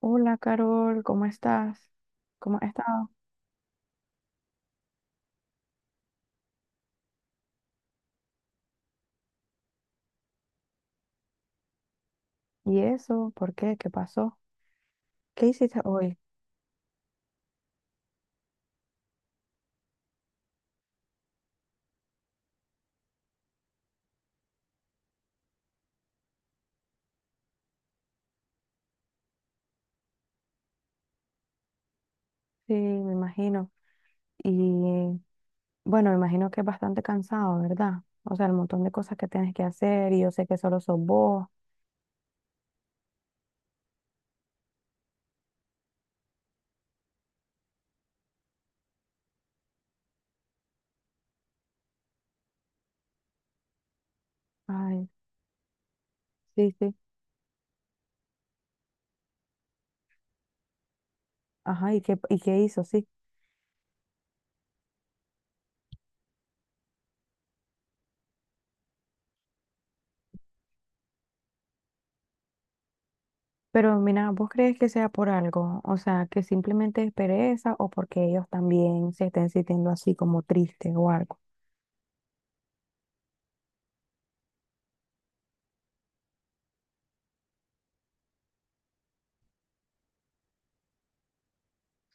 Hola Carol, ¿cómo estás? ¿Cómo has estado? ¿Y eso? ¿Por qué? ¿Qué pasó? ¿Qué hiciste hoy? Sí, me imagino. Y bueno, me imagino que es bastante cansado, ¿verdad? O sea, el montón de cosas que tienes que hacer y yo sé que solo sos vos. Ay, sí, sí. Ajá, y qué hizo? Sí. Pero mira, ¿vos crees que sea por algo? O sea, que simplemente es pereza o porque ellos también se estén sintiendo así como tristes o algo.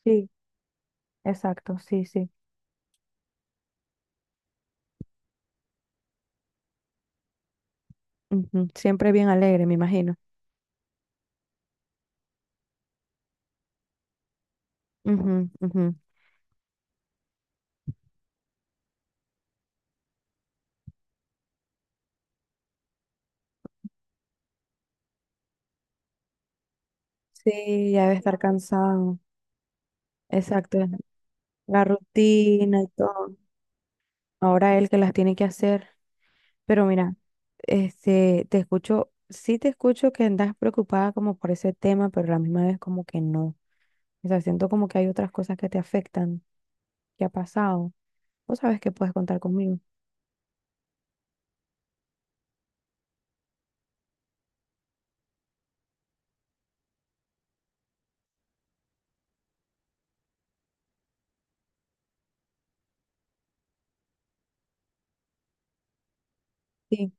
Sí, exacto, sí, sí. Ujú, siempre bien alegre, me imagino. Ujú, ujú. Sí, ya debe estar cansado. Exacto, la rutina y todo. Ahora él que las tiene que hacer. Pero mira, te escucho, sí te escucho que andas preocupada como por ese tema, pero a la misma vez como que no. O sea, siento como que hay otras cosas que te afectan, que ha pasado. Vos sabes que puedes contar conmigo. Sí,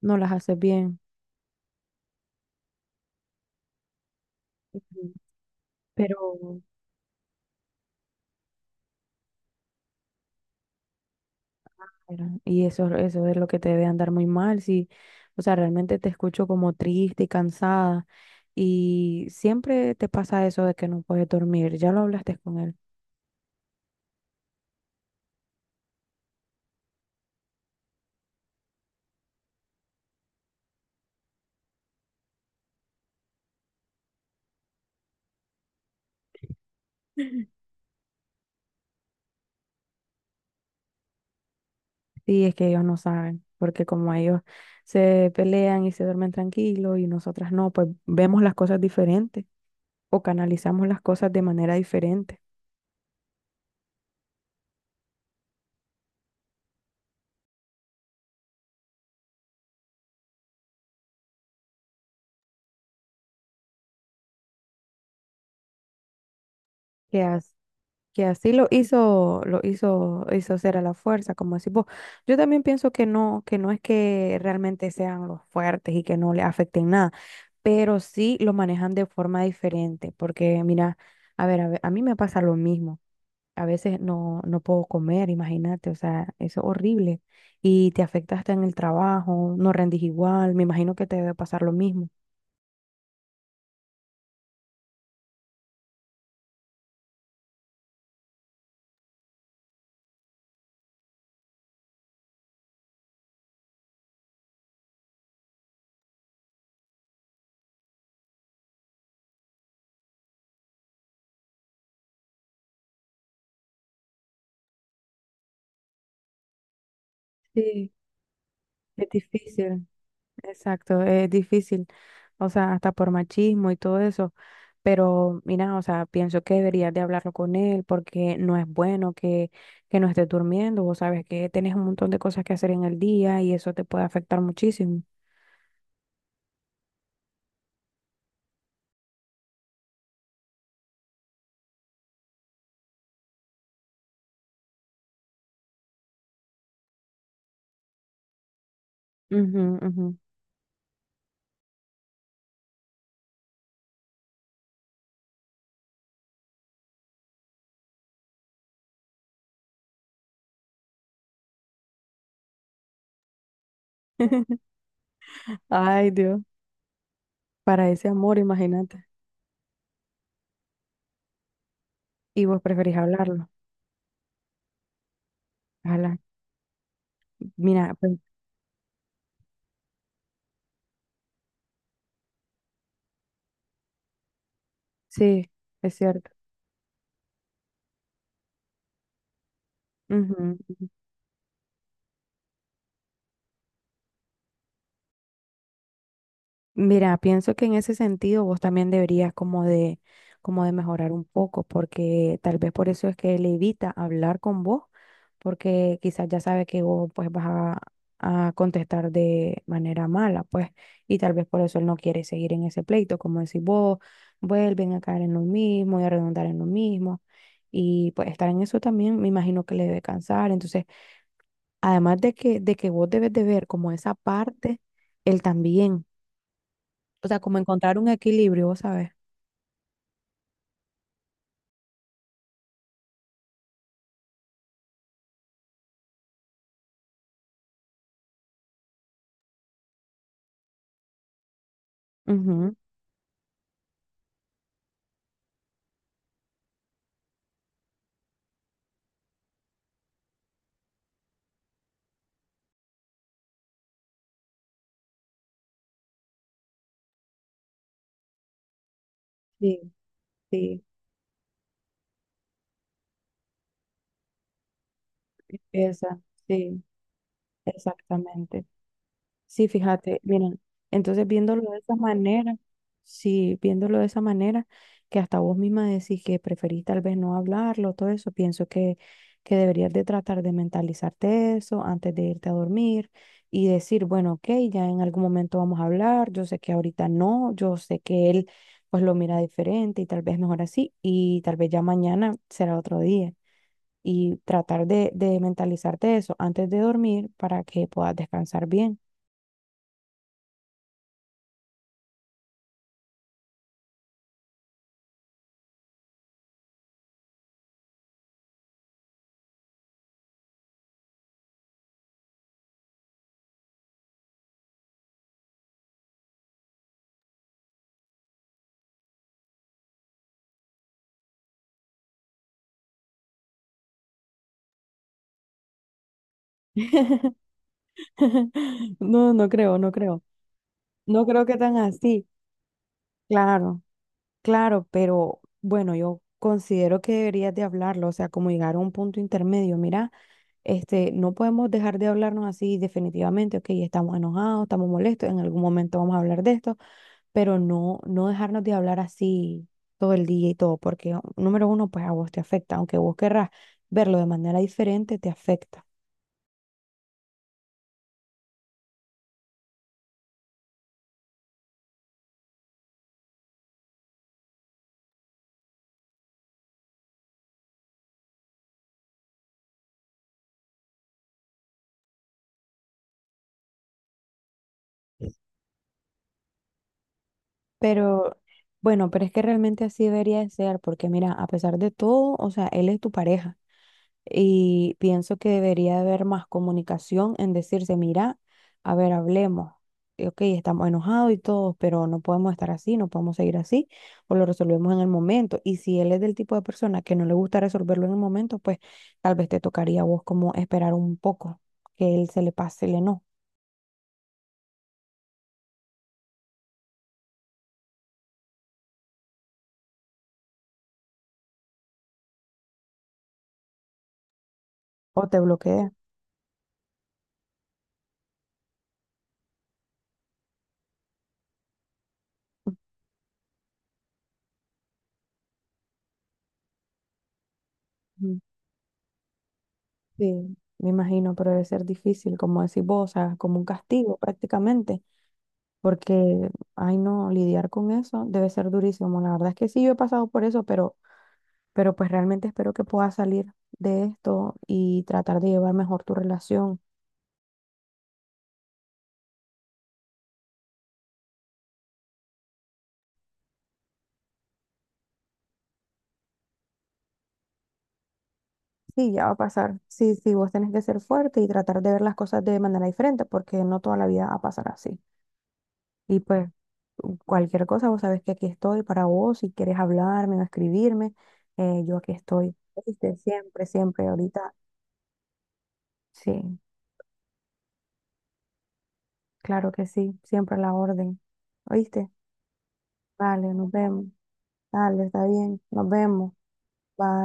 no las haces bien. Ujú. Pero mira, y eso es lo que te debe andar muy mal, sí. O sea, realmente te escucho como triste y cansada. Y siempre te pasa eso de que no puedes dormir. Ya lo hablaste con él. Sí, es que ellos no saben, porque como ellos se pelean y se duermen tranquilos y nosotras no, pues vemos las cosas diferentes o canalizamos las cosas de manera diferente. Que, que así lo hizo, hizo ser a la fuerza, como decís vos. Yo también pienso que no es que realmente sean los fuertes y que no le afecten nada, pero sí lo manejan de forma diferente, porque mira, a ver, a mí me pasa lo mismo. A veces no puedo comer, imagínate, o sea, eso es horrible y te afecta hasta en el trabajo, no rendís igual, me imagino que te debe pasar lo mismo. Sí. Es difícil. Exacto, es difícil, o sea, hasta por machismo y todo eso, pero mira, o sea, pienso que deberías de hablarlo con él porque no es bueno que no estés durmiendo, vos sabes que tienes un montón de cosas que hacer en el día y eso te puede afectar muchísimo. Ujú, ujú. Ay, Dios, para ese amor, imagínate. Y vos preferís hablarlo. Ojalá. Mira, pues, sí, es cierto. Ujú, mira, pienso que en ese sentido vos también deberías como de mejorar un poco, porque tal vez por eso es que él evita hablar con vos, porque quizás ya sabe que vos pues vas a contestar de manera mala, pues, y tal vez por eso él no quiere seguir en ese pleito, como decir vos, vuelven a caer en lo mismo y a redundar en lo mismo. Y pues estar en eso también me imagino que le debe cansar. Entonces, además de que vos debes de ver como esa parte, él también. O sea, como encontrar un equilibrio, ¿sabes? Ujú. Sí, sí, esa, sí, exactamente. Sí, fíjate, miren, entonces viéndolo de esa manera, sí, viéndolo de esa manera, que hasta vos misma decís que preferís tal vez no hablarlo, todo eso, pienso que deberías de tratar de mentalizarte eso antes de irte a dormir y decir, bueno, ok, ya en algún momento vamos a hablar, yo sé que ahorita no, yo sé que él pues lo mira diferente y tal vez mejor así y tal vez ya mañana será otro día y tratar de mentalizarte eso antes de dormir para que puedas descansar bien. No, no creo, no creo. No creo que tan así. Claro, claro, pero bueno, yo considero que deberías de hablarlo, o sea, como llegar a un punto intermedio. Mira, no podemos dejar de hablarnos así definitivamente, ok, estamos enojados, estamos molestos, en algún momento vamos a hablar de esto, pero no dejarnos de hablar así todo el día y todo, porque número uno, pues a vos te afecta, aunque vos querrás verlo de manera diferente, te afecta. Pero bueno, pero es que realmente así debería de ser, porque mira, a pesar de todo, o sea, él es tu pareja. Y pienso que debería haber más comunicación en decirse, mira, a ver, hablemos. Ok, estamos enojados y todos, pero no podemos estar así, no podemos seguir así, o lo resolvemos en el momento. Y si él es del tipo de persona que no le gusta resolverlo en el momento, pues tal vez te tocaría a vos como esperar un poco que él se le pase el no o te bloquee. Ujú, sí, me imagino, pero debe ser difícil, como decís vos, o sea, como un castigo prácticamente. Porque, ay no, lidiar con eso debe ser durísimo. La verdad es que sí, yo he pasado por eso, pero pues realmente espero que puedas salir de esto y tratar de llevar mejor tu relación. Sí, ya va a pasar. Sí, sí, vos tenés que ser fuerte y tratar de ver las cosas de manera diferente, porque no toda la vida va a pasar así. Y pues cualquier cosa, vos sabés que aquí estoy para vos, si quieres hablarme o escribirme, yo aquí estoy. ¿Oíste? Siempre, siempre, ahorita. Sí, claro que sí, siempre a la orden. ¿Oíste? Vale, nos vemos. Dale, está bien. Nos vemos. Bye.